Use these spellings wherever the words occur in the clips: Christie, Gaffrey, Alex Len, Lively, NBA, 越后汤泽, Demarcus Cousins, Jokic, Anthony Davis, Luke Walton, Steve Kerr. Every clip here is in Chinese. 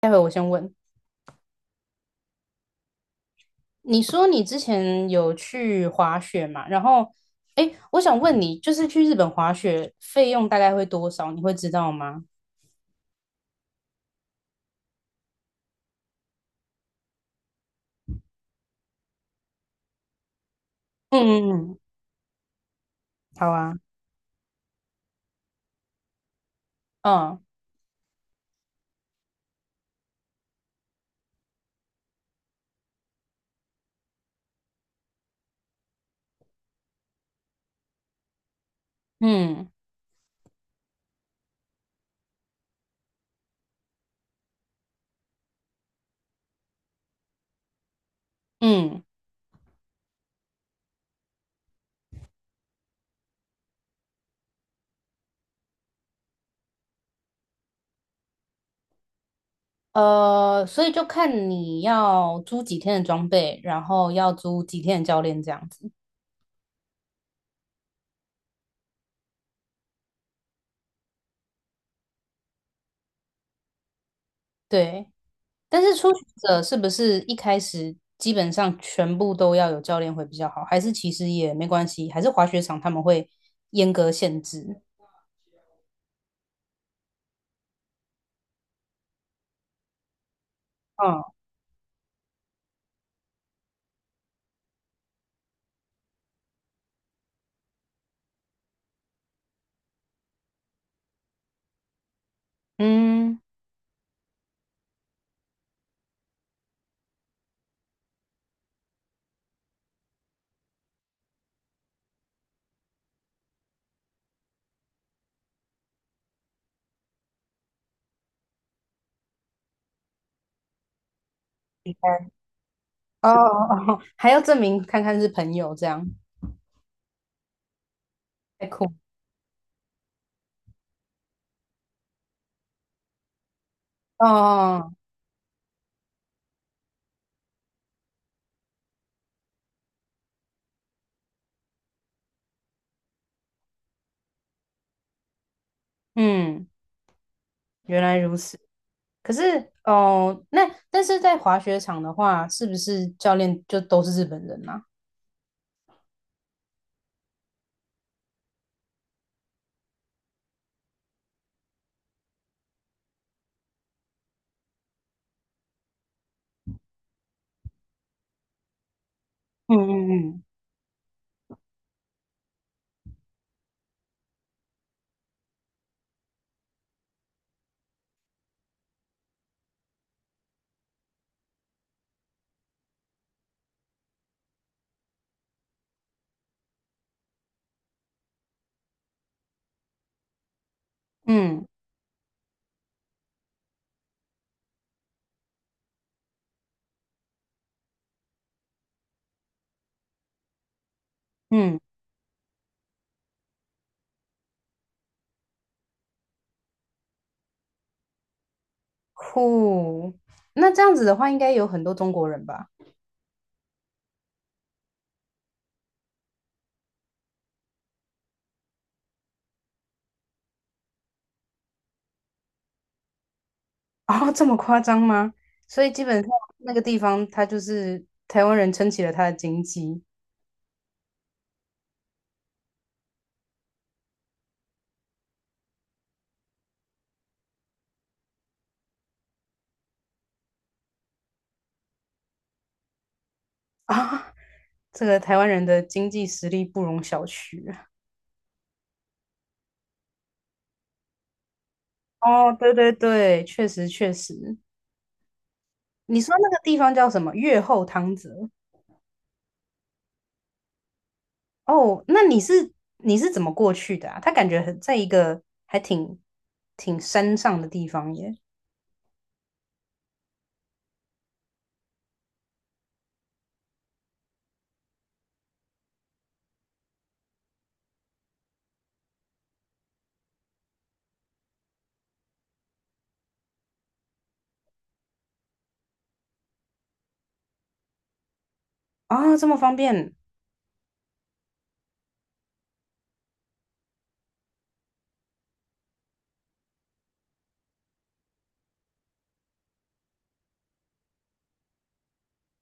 待会我先问，你说你之前有去滑雪嘛？然后，哎，我想问你，就是去日本滑雪费用大概会多少？你会知道吗？嗯嗯嗯，好啊，嗯嗯嗯，所以就看你要租几天的装备，然后要租几天的教练这样子。对，但是初学者是不是一开始基本上全部都要有教练会比较好？还是其实也没关系？还是滑雪场他们会严格限制？嗯嗯，哦哦，哦还要证明看看是朋友这样，太酷。哦，哦嗯，原来如此。可是哦，那但是在滑雪场的话，是不是教练就都是日本人啊？嗯嗯嗯嗯嗯，酷。那这样子的话，应该有很多中国人吧？哦，这么夸张吗？所以基本上那个地方，他就是台湾人撑起了他的经济啊。这个台湾人的经济实力不容小觑。哦，对对对，确实确实。你说那个地方叫什么？越后汤泽。哦，那你是怎么过去的啊？他感觉很在一个还挺山上的地方耶。啊、这么方便，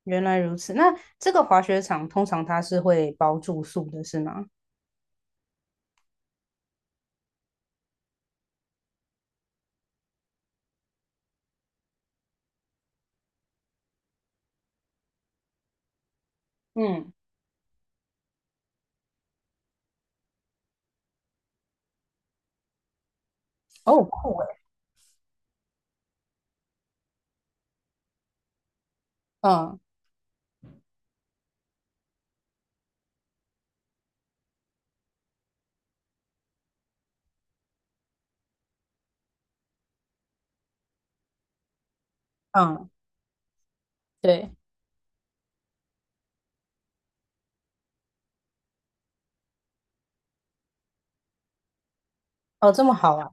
原来如此。那这个滑雪场通常它是会包住宿的，是吗？嗯，哦，酷诶。嗯嗯，对，哦，这么好啊。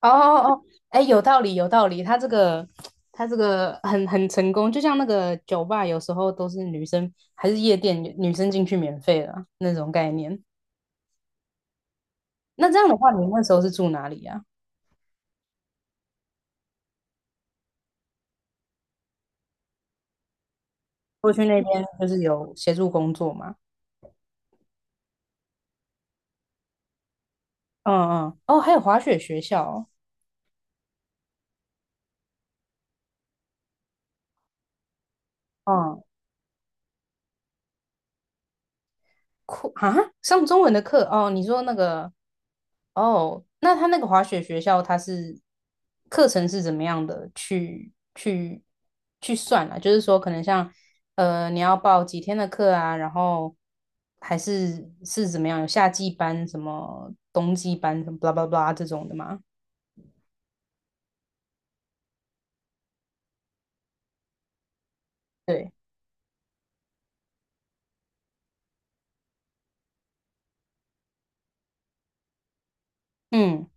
哦哦哦，哎，有道理，有道理。他这个，他这个很成功，就像那个酒吧，有时候都是女生，还是夜店，女生进去免费的啊那种概念。那这样的话，你那时候是住哪里啊？过去那边就是有协助工作吗？嗯嗯，哦，还有滑雪学校哦嗯，酷啊，上中文的课哦。你说那个哦，那他那个滑雪学校，他是课程是怎么样的去算啊？就是说，可能像你要报几天的课啊，然后还是怎么样？有夏季班、什么冬季班、什么 blah blah blah 这种的吗？对，嗯，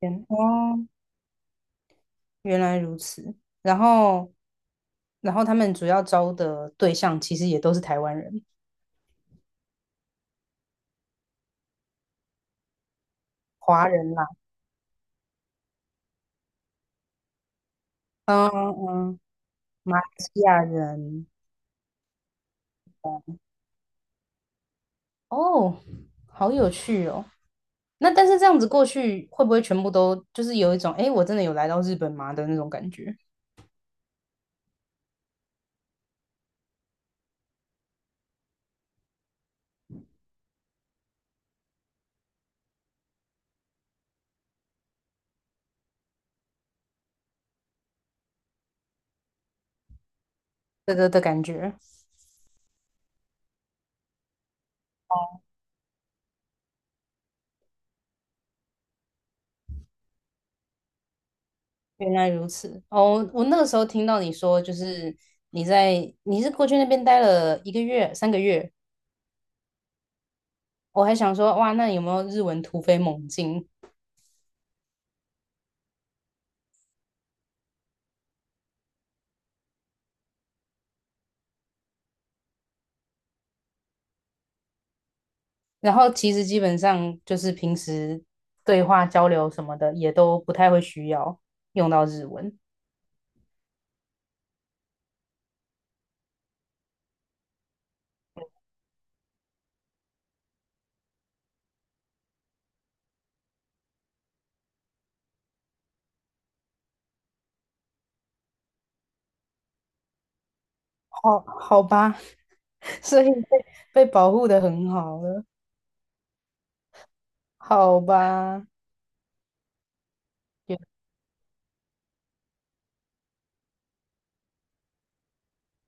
原哦，原来如此。然后，然后他们主要招的对象其实也都是台湾人、华人啦，嗯嗯，马来西亚人。哦，好有趣哦。那但是这样子过去，会不会全部都就是有一种，哎，我真的有来到日本吗的那种感觉？的感觉。原来如此。哦，我那个时候听到你说，就是你是过去那边待了1个月、3个月，我还想说，哇，那有没有日文突飞猛进？然后其实基本上就是平时对话交流什么的，也都不太会需要用到日文。好，好吧，所以被保护的很好了。好吧，也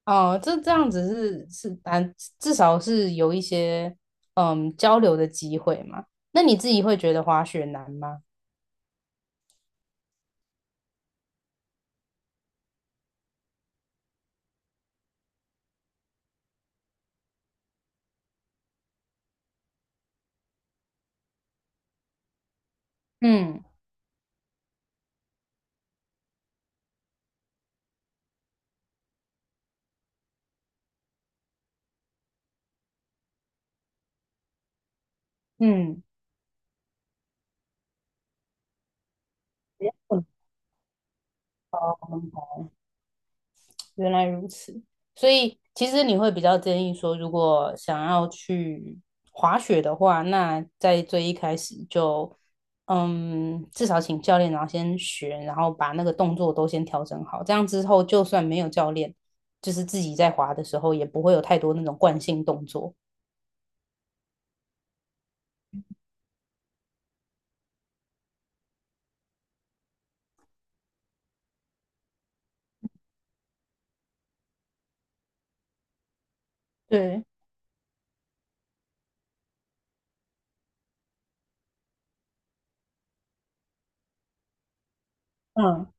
哦，这样子是，但至少是有一些交流的机会嘛。那你自己会觉得滑雪难吗？嗯嗯，原来如此，所以其实你会比较建议说，如果想要去滑雪的话，那在最一开始就，至少请教练，然后先学，然后把那个动作都先调整好，这样之后就算没有教练，就是自己在滑的时候，也不会有太多那种惯性动作。对，嗯，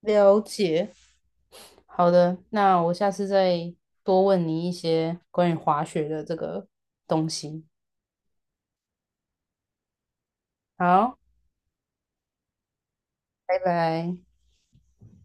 了解。好的，那我下次再多问你一些关于滑雪的这个东西。好，拜拜。